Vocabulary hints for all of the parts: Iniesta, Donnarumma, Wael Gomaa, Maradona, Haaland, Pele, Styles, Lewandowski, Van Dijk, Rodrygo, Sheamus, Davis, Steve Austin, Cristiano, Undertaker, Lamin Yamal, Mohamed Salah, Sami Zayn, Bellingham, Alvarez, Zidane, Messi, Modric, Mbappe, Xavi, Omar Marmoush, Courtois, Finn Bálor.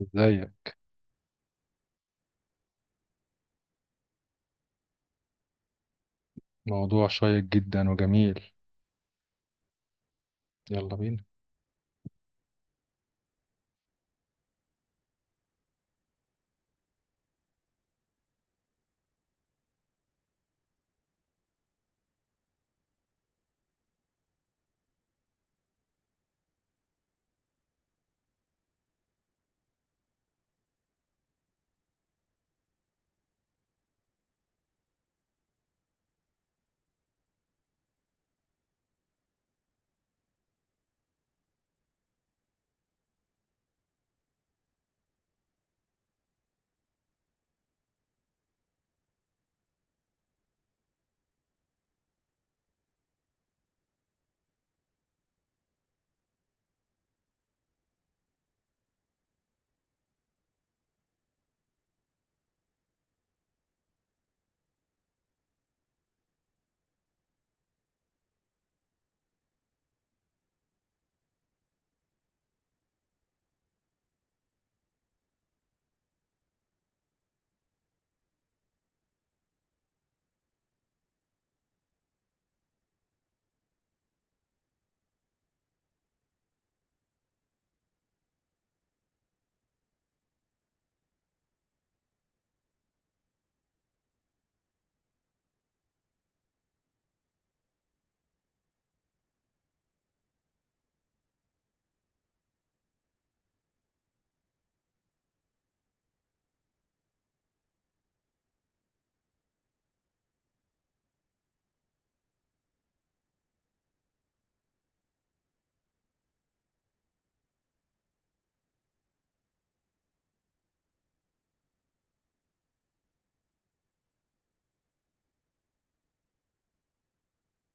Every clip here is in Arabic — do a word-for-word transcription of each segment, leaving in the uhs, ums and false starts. ازاي؟ موضوع شيق جدا وجميل. يلا بينا.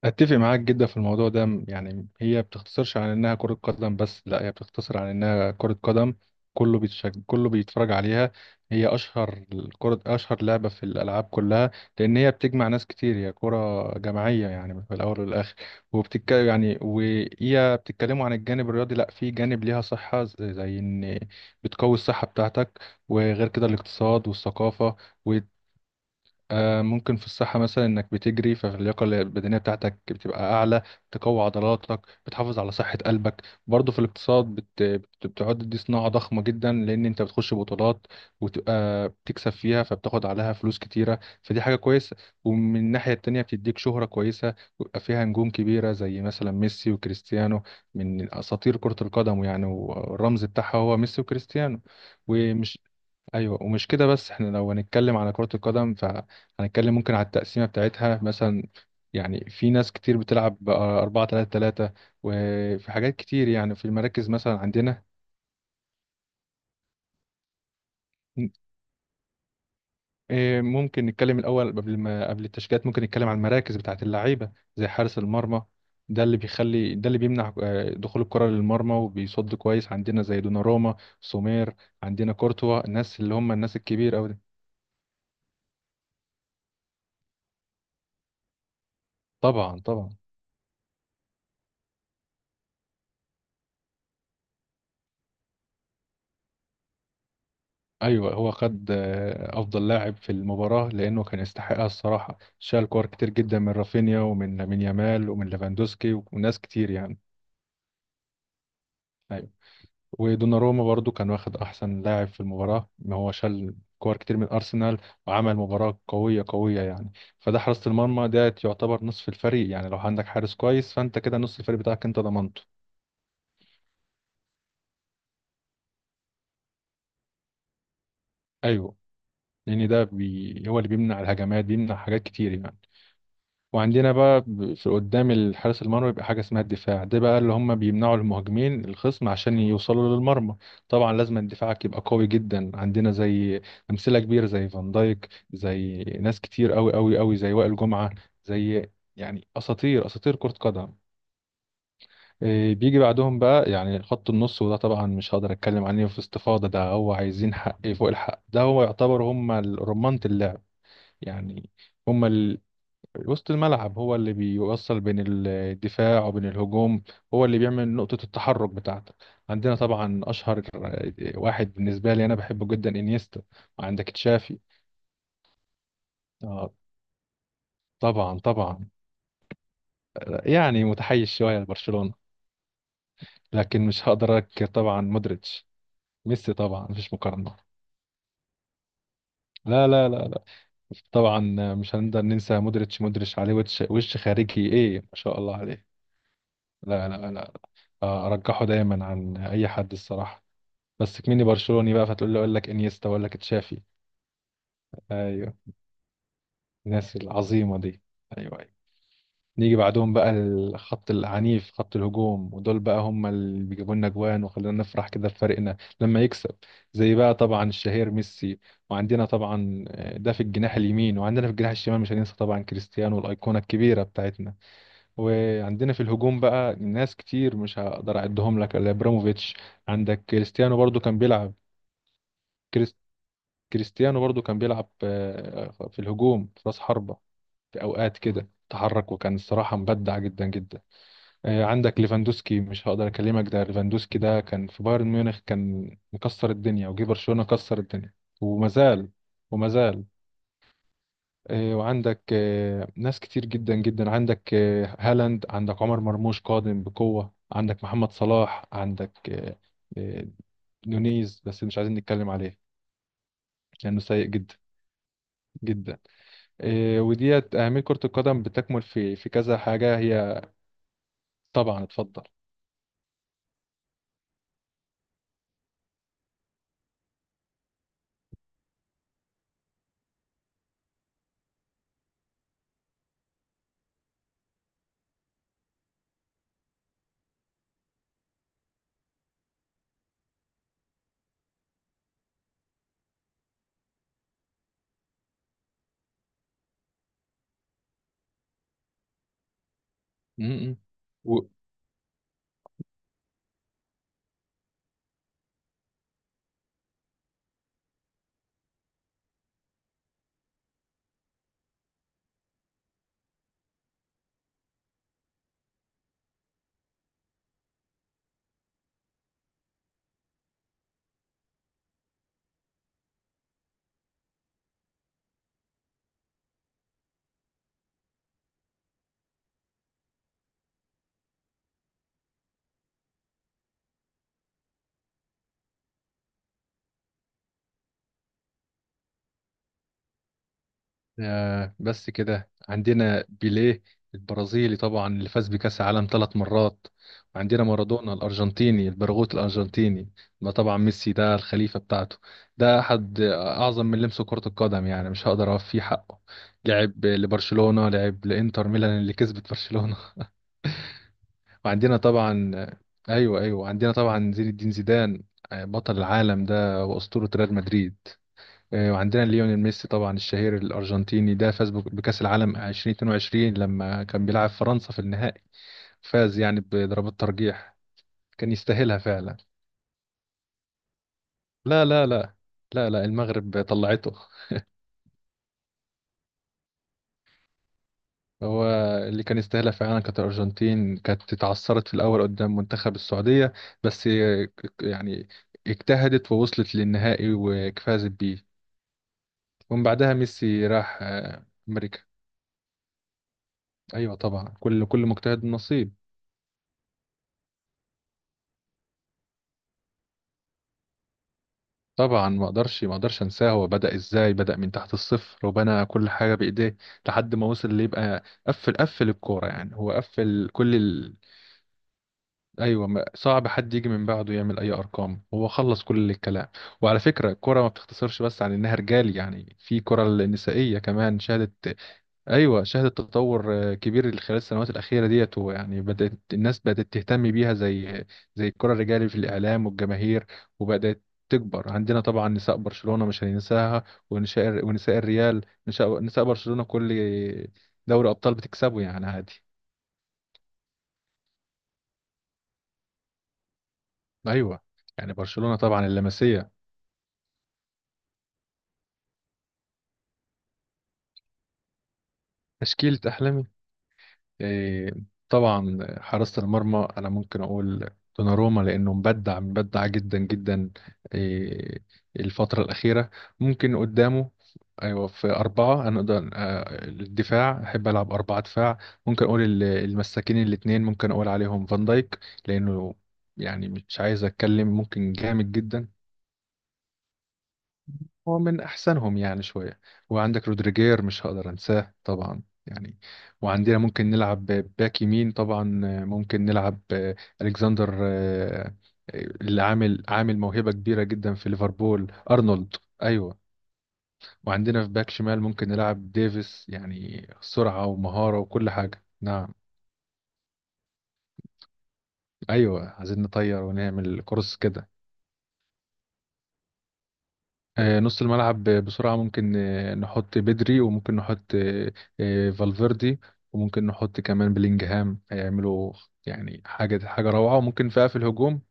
اتفق معاك جدا في الموضوع ده، م- يعني هي بتختصرش عن انها كرة قدم، بس لا، هي بتختصر عن انها كرة قدم. كله بيتشج... كله بيتفرج عليها. هي اشهر الكرة اشهر لعبة في الالعاب كلها، لان هي بتجمع ناس كتير، هي كرة جماعية يعني في الاول والاخر. وبتتك يعني وهي بتتكلموا عن الجانب الرياضي، لا، في جانب ليها صحة، زي زي ان بتقوي الصحة بتاعتك، وغير كده الاقتصاد والثقافة. آه، ممكن في الصحة مثلا إنك بتجري، فاللياقة البدنية بتاعتك بتبقى أعلى، بتقوي عضلاتك، بتحافظ على صحة قلبك. برضه في الاقتصاد بت... بت- بتعد دي صناعة ضخمة جدا، لأن أنت بتخش بطولات وتبقى بتكسب فيها فبتاخد عليها فلوس كتيرة، فدي حاجة كويسة. ومن الناحية التانية بتديك شهرة كويسة، ويبقى فيها نجوم كبيرة زي مثلا ميسي وكريستيانو، من أساطير كرة القدم يعني، والرمز بتاعها هو ميسي وكريستيانو. ومش ايوه، ومش كده بس، احنا لو هنتكلم على كرة القدم فهنتكلم ممكن على التقسيمة بتاعتها مثلا، يعني في ناس كتير بتلعب ب أربعة تلاتة تلاتة، وفي حاجات كتير يعني في المراكز مثلا عندنا. إيه، ممكن نتكلم الاول، قبل ما قبل التشكيلات، ممكن نتكلم عن المراكز بتاعت اللعيبة، زي حارس المرمى. ده اللي بيخلي ده اللي بيمنع آه، دخول الكرة للمرمى، وبيصد كويس، عندنا زي دوناروما، سومير، عندنا كورتوا، الناس اللي هم الناس الكبيرة أوي دي. طبعا، طبعا. ايوه، هو خد آه، افضل لاعب في المباراه لانه كان يستحقها الصراحه، شال كور كتير جدا من رافينيا، ومن لامين يامال، ومن ليفاندوسكي، وناس كتير يعني. ايوه، ودوناروما برضو كان واخد احسن لاعب في المباراه، ما هو شال كور كتير من ارسنال، وعمل مباراه قويه قويه يعني. فده حراسه المرمى، ده يعتبر نصف الفريق يعني، لو عندك حارس كويس فانت كده نصف الفريق بتاعك انت ضمنته. ايوه. لان ده بي... هو اللي بيمنع الهجمات، بيمنع حاجات كتير يعني. وعندنا بقى ب- في قدام الحارس المرمى بيبقى حاجة اسمها الدفاع، ده بقى اللي هم بيمنعوا المهاجمين الخصم عشان يوصلوا للمرمى. طبعا لازم دفاعك يبقى قوي جدا، عندنا زي أمثلة كبيرة زي فان دايك، زي ناس كتير قوي قوي قوي، زي وائل جمعة، زي يعني أساطير أساطير كرة قدم. إيه، بيجي بعدهم بقى يعني خط النص، وده طبعا مش هقدر اتكلم عليه في استفاضة، ده هو عايزين حق فوق الحق، ده هو يعتبر هم ال- رمانة اللعب يعني. هم وسط الملعب، هو اللي بيوصل بين الدفاع وبين الهجوم، هو اللي بيعمل نقطة التحرك بتاعتك. عندنا طبعا أشهر واحد بالنسبة لي أنا بحبه جدا، إنيستا، عندك تشافي. آه، طبعا طبعا، يعني متحيز شوية لبرشلونة، لكن مش هقدر أنكر طبعا مودريتش. ميسي طبعا، مفيش مقارنة. لا، لا، لا، لا. طبعا مش هنقدر ننسى مودريتش، مودريتش عليه وش، وش خارجي ايه، ما شاء الله عليه. لا، لا، لا. آه، ارجحه دايما عن اي حد الصراحة، بس كميني برشلوني بقى فتقول لي اقول لك انيستا، اقول لك تشافي. ايوه، الناس العظيمه دي. ايوه، ايوه. نيجي بعدهم بقى الخط العنيف، خط الهجوم، ودول بقى هم اللي بيجيبوا لنا جوان وخلينا نفرح كده بفريقنا لما يكسب. زي بقى طبعا الشهير ميسي، وعندنا طبعا آه، ده في الجناح اليمين، وعندنا في الجناح الشمال مش هننسى طبعا كريستيانو، الايقونه الكبيره بتاعتنا. وعندنا في الهجوم بقى ناس كتير مش هقدر اعدهم لك، الا ابراموفيتش، عندك كريستيانو برضو كان بيلعب. كريستيانو برضو كان بيلعب آه، في الهجوم في راس حربة، في أوقات كده تحرك، وكان الصراحة مبدع جدا جدا. آه، عندك ليفاندوسكي، مش هقدر أكلمك، ده ليفاندوسكي ده كان في بايرن ميونخ كان مكسر الدنيا، وجه برشلونة كسر الدنيا. ومازال، ومازال. آه، وعندك آه، ناس كتير جدا جدا، عندك آه، هالاند، عندك عمر مرموش قادم بقوة، عندك محمد صلاح، عندك آه، آه، نونيز بس مش عايزين نتكلم عليه لأنه سيء جدا، جدا. إيه، وديت أهمية كرة القدم بتكمل في في كذا حاجة هي. طبعا، اتفضل. م- م. و... آه، بس كده عندنا بيليه البرازيلي طبعا، اللي فاز بكأس العالم ثلاث مرات، وعندنا مارادونا الأرجنتيني، البرغوث الأرجنتيني. ما طبعا ميسي ده الخليفة بتاعته، ده أحد أعظم من لمسه كرة القدم يعني، مش هقدر أوفيه حقه، لعب لبرشلونة، لعب لإنتر ميلان اللي كسبت برشلونة. وعندنا طبعا، ايوه ايوه، عندنا طبعا زين الدين زيدان، آه، بطل العالم ده، واسطوره ريال مدريد. آه، وعندنا ليونيل ميسي طبعا، الشهير الارجنتيني، ده فاز بك- بكاس العالم ألفين واتنين وعشرين لما كان بيلعب فرنسا في النهائي، فاز يعني بضربات ترجيح، كان يستاهلها فعلا. لا، لا، لا، لا. لا، المغرب طلعته. هو اللي كان يستاهلها فعلا، كانت الارجنتين كانت اتعثرت في الاول قدام منتخب السعوديه، بس آه، ك- يعني اجتهدت ووصلت للنهائي وفازت بيه. ومن بعدها ميسي راح آه، امريكا. ايوه طبعا، كل كل مجتهد نصيب. طبعا ما اقدرش ما اقدرش انساه، هو بدأ ازاي، بدأ من تحت الصفر، وبنى كل حاجة بإيديه لحد ما وصل اللي يبقى قفل، قفل الكورة يعني، هو قفل كل ال... ايوه، ما- صعب حد يجي من بعده يعمل اي ارقام، هو خلص كل الكلام. وعلى فكرة، الكورة ما بتختصرش بس عن انها رجال يعني، في كرة النسائية كمان شهدت. ايوه شهدت تطور آه، كبير خلال السنوات الاخيره ديت، ويعني بدات الناس بدات تهتم بيها زي زي الكره الرجالي، في الاعلام والجماهير، وبدات تكبر. عندنا طبعا نساء برشلونه مش هننساها، ونساء ونساء الريال، نساء نساء برشلونه كل دوري ابطال بتكسبه يعني عادي. ايوه، يعني برشلونه طبعا اللمسيه. تشكيله احلام. إيه، طبعا حراسة المرمى أنا ممكن أقول دوناروما، لأنه مبدع، مبدع جدا جدا. إيه، الفترة الأخيرة. ممكن قدامه، أيوة في أربعة، أنا أقدر آه، الدفاع أحب ألعب أربعة دفاع. ممكن أقول ال- المساكين الاتنين ممكن أقول عليهم فان دايك، لأنه، يعني مش عايز أتكلم، ممكن جامد جدا، هو من أحسنهم يعني شوية. وعندك رودريجير مش هقدر أنساه طبعا يعني. وعندنا ممكن نلعب باك يمين، طبعا ممكن نلعب آه، ألكسندر، آه، اللي عامل عامل موهبة كبيرة جدا في ليفربول، أرنولد. أيوه. وعندنا في باك شمال ممكن نلعب ديفيس، يعني سرعة ومهارة وكل حاجة، نعم. أيوه، عايزين نطير ونعمل كورس كده. آه، نص الملعب آه، بسرعة، ممكن آه، نحط بدري، وممكن نحط آه، آه، فالفيردي، وممكن نحط كمان بلينجهام، هيعملوا يعني حاجة حاجة روعة. وممكن بقى في الهجوم،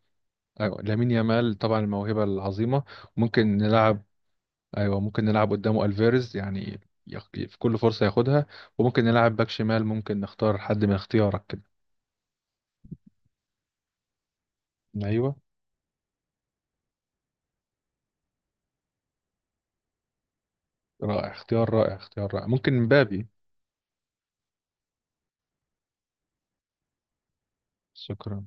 أيوة لامين يامال طبعا، الموهبة العظيمة. ممكن نلعب، أيوة ممكن نلعب قدامه ألفيرز يعني، ياخ- في كل فرصة ياخدها. وممكن نلعب باك شمال ممكن نختار حد من اختيارك كده. أيوة، رائع اختيار، رائع اختيار رائع، ممكن مبابي. شكرا.